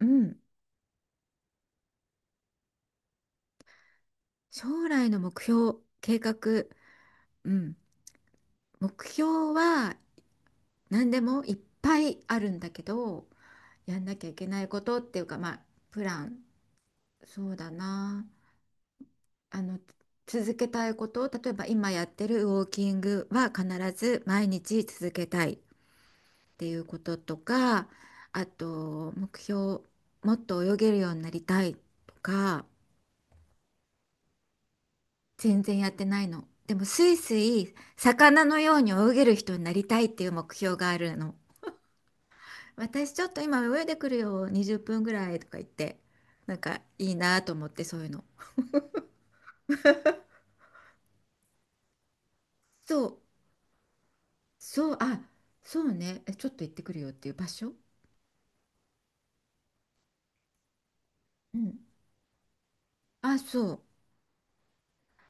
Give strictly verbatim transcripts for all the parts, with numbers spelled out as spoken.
うん、将来の目標、計画、うん、目標は何でもいっぱいあるんだけど、やんなきゃいけないことっていうか、まあ、プラン、そうだな、あの、続けたいこと、例えば今やってるウォーキングは必ず毎日続けたいっていうこととか、あと、目標、もっと泳げるようになりたいとか、全然やってないの。でもスイスイ魚のように泳げる人になりたいっていう目標があるの。私ちょっと今泳いでくるよにじゅっぷんぐらいとか言って、なんかいいなと思って、そういうの。そうそう、あ、そうねえ、ちょっと行ってくるよっていう場所。うん、あ、そう、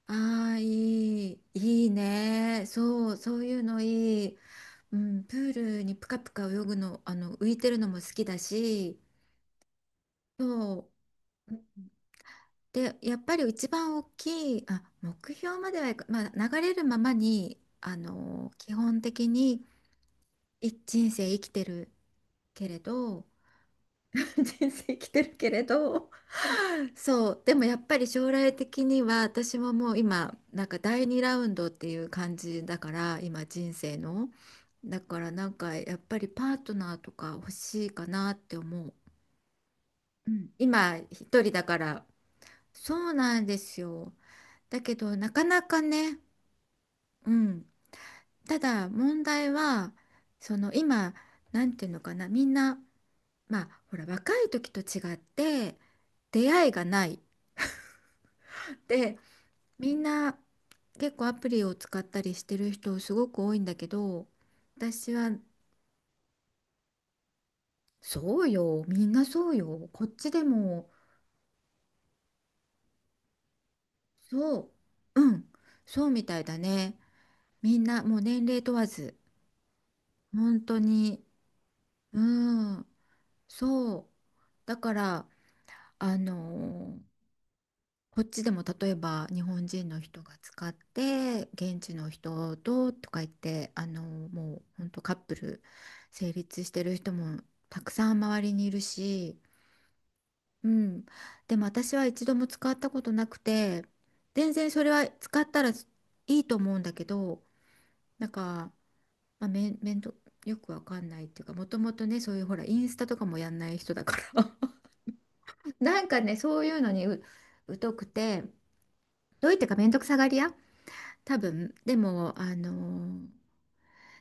ああいいいいね、そうそういうのいい、うん、プールにプカプカ泳ぐの、あの浮いてるのも好きだし、そう。で、やっぱり一番大きい、あ、目標まではいか、まあ、流れるままに、あの基本的にい人生生きてるけれど、人生生きてるけれど、そう、でもやっぱり将来的には私ももう今、なんかだいにラウンドっていう感じだから、今人生の。だからなんかやっぱりパートナーとか欲しいかなって思う。うん、今一人だから。そうなんですよ。だけどなかなかね。うん、ただ問題はその今、なんていうのかな、みんな、まあほら、若い時と違って出会いがないで、みんな結構アプリを使ったりしてる人すごく多いんだけど、私は、そうよ、みんなそうよこっちでも。そう、うん、そうみたいだね。みんなもう年齢問わず本当に。うん、そう、だからあのーこっちでも例えば日本人の人が使って現地の人ととか言って、あのもう本当カップル成立してる人もたくさん周りにいるし、うん、でも私は一度も使ったことなくて、全然それは使ったらいいと思うんだけど、なんか、まあ、めん、めんどよくわかんないっていうか、もともとね、そういう、ほら、インスタとかもやんない人だから、 なんかね、そういうのに、う、疎くて、どういってか、めんどくさがり屋多分、でも、あのー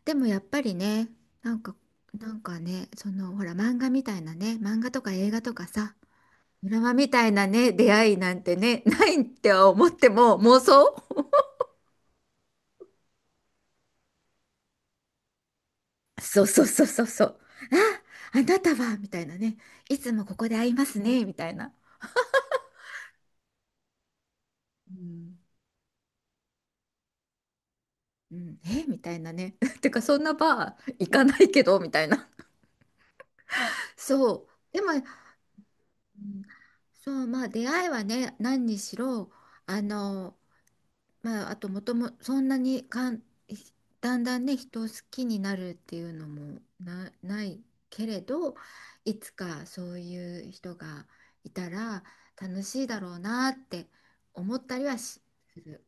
でもやっぱりね、なんか、なんかね、その、ほら、漫画みたいなね、漫画とか映画とかさ、ドラマみたいなね、出会いなんてね、ないっては思っても妄想。そうそうそうそうそう。あ、あなたは、みたいなね、いつもここで会いますね、みたいな。うん、うん、え、みたいなね。てか、そんなバー行かないけど、みたいな。そう。でも、うん、そう、まあ、出会いはね、何にしろ、あの、まあ、あともとも、そんなにかん、だんだんね、人を好きになるっていうのもな、ないけれど、いつかそういう人がいたら楽しいだろうなって思ったりはしする。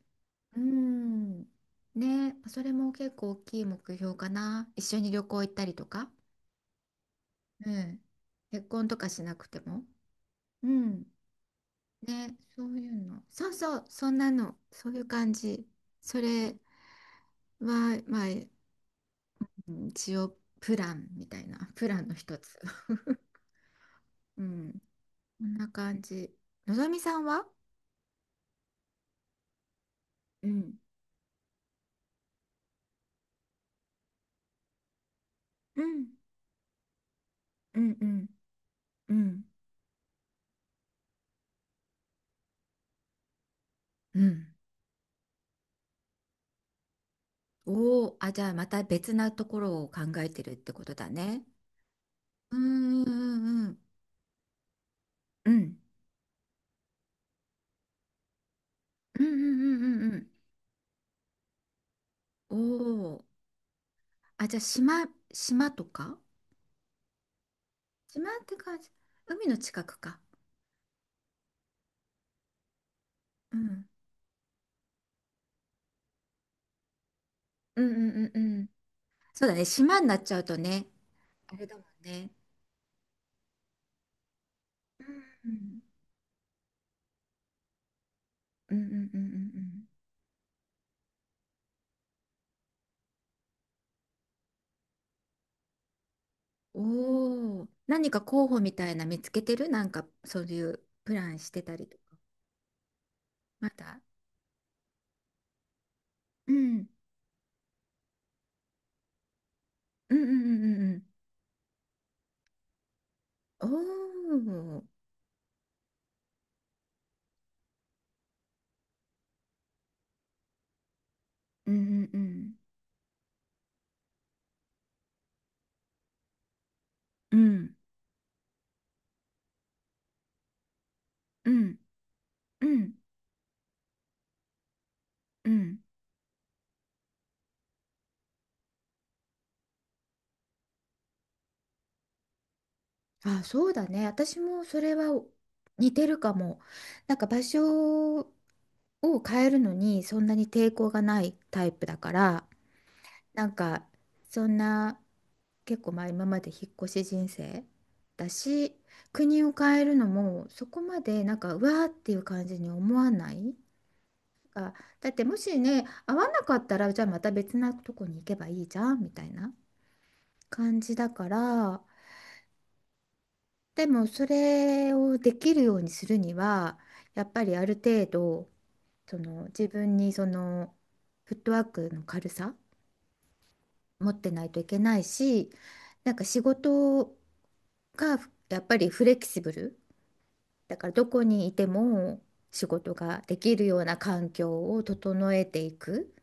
うん。ね、それも結構大きい目標かな。一緒に旅行行ったりとか。うん。結婚とかしなくても。うん。ね、そういうの。そうそう、そんなの。そういう感じ。それは、まあ、一応プランみたいな、プランの一つ。うん。こんな感じ。のぞみさんは。うん。うん。うんうんうんうん。おおー、あ、じゃあまた別なところを考えてるってことだね。うんうんうんうんうんうんうんうんうん。おおー、あ、じゃあ島、島とか、島って感じ。海の近くか。うんうんうんうんうん。そうだね、島になっちゃうとね、あれだもんね。うんうんうんうんうんうんうん。おお、何か候補みたいな見つけてる、なんかそういうプランしてたりとか。まだ。うん。うんうんうんうんうん。おお。うんうんうん。うんうんうんうん。あ、そうだね。私もそれは似てるかも。なんか場所を変えるのにそんなに抵抗がないタイプだから。なんか、そんな、結構、まあ、今まで引っ越し人生だし、国を変えるのもそこまでなんかうわーっていう感じに思わない。あ、だってもしね、合わなかったらじゃあまた別なとこに行けばいいじゃんみたいな感じだから、でもそれをできるようにするには、やっぱりある程度、その、自分にそのフットワークの軽さ持ってないといけないし、なんか仕事がやっぱりフレキシブルだから、どこにいても仕事ができるような環境を整えていく、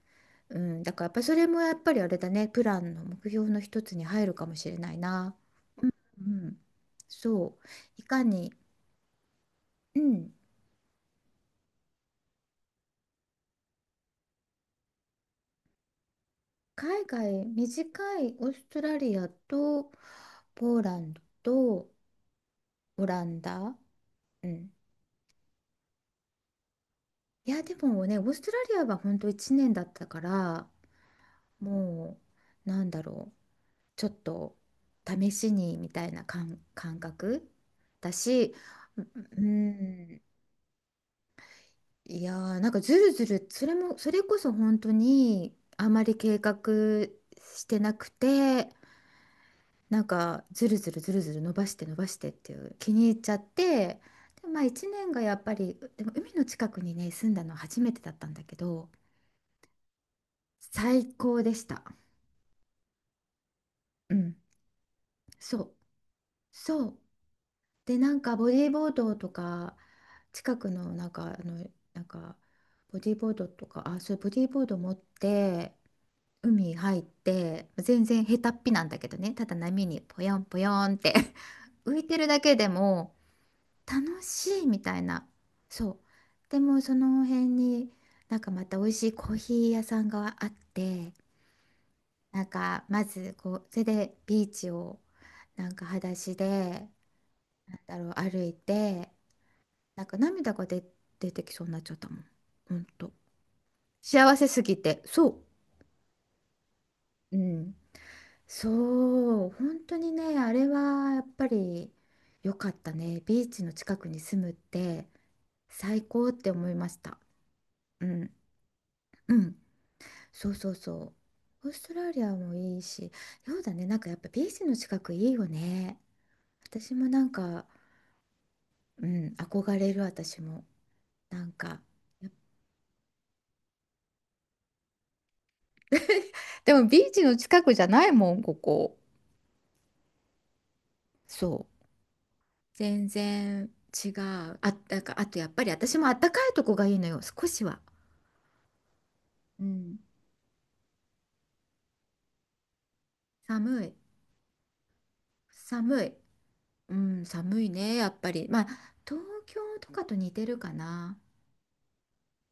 うん、だからやっぱそれもやっぱりあれだね、プランの目標の一つに入るかもしれないな、うん、そう、いかに、うん、海外短い、オーストラリアとポーランドとオランダ、うん、いやでもね、オーストラリアは本当いちねんだったから、もうなんだろう、ちょっと試しにみたいな、感、感覚だし、ううん、いやー、なんかずるずる、それも、それこそ本当にあまり計画してなくて、なんかずるずるずるずる伸ばして伸ばしてっていう気に入っちゃって、で、まあいちねんがやっぱり、でも海の近くにね、住んだの初めてだったんだけど、最高でした。うん、そう、そう。で、なんかボディーボードとか、近くのなんか、あのなんかボディーボードとか、あ、そう、ボディーボード持って海入って、全然下手っぴなんだけどね、ただ波にポヨンポヨンって、 浮いてるだけでも楽しいみたいな。そう。でもその辺になんかまた美味しいコーヒー屋さんがあって、なんか、まず、こう、それでビーチを、なんか裸足で、なんだろう、歩いて。なんか涙が出、出てきそうになっちゃったもん。ほんと。幸せすぎて。そう。うん。そう。本当にね、あれはやっぱり良かったね。ビーチの近くに住むって最高って思いました。うん。うん。そうそうそう。オーストラリアもいいし、そうだね。なんかやっぱビーチの近くいいよね。私もなんか、うん、憧れる私も。なんか。でもビーチの近くじゃないもん、ここ。そう。全然違う。あ、だから、あとやっぱり私もあったかいとこがいいのよ、少しは。うん。寒い。寒い。うん、寒いね、やっぱり。まあ、東京とかと似てるかな。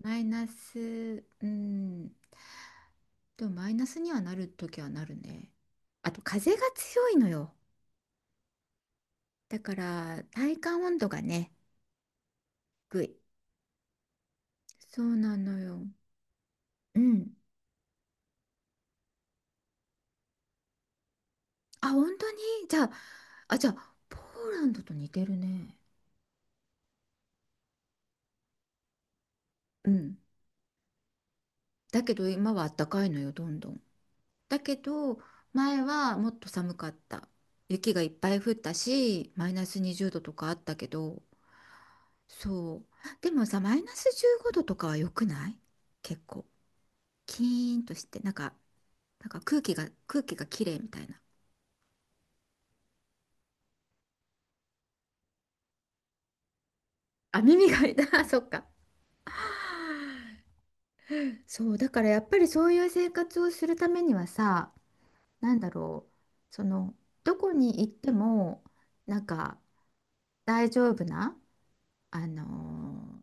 マイナス、うん。でもマイナスにはなるときはなるね。あと風が強いのよ。だから体感温度がね、低い。そうなのよ。うん。あ、本当に。じゃあ、あ、じゃあ、ポーランドと似てるね。うん。だけど今は暖かいのよ、どんどん。だけど前はもっと寒かった。雪がいっぱい降ったし、マイナスにじゅうどとかあったけど、そう。でもさ、マイナスじゅうごどとかは良くない、結構。キーンとして、なんか、なんか空気が、空気が綺麗みたいな。あ、耳が痛いた。そっか。そう、だからやっぱりそういう生活をするためにはさ、なんだろう、その、どこに行っても、なんか大丈夫な、あのー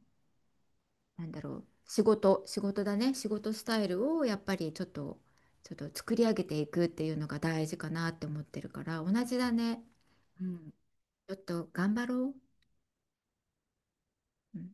なんだろう、仕事、仕事だね、仕事スタイルをやっぱりちょっとちょっと作り上げていくっていうのが大事かなって思ってるから、同じだね。うん、ちょっと頑張ろう。うん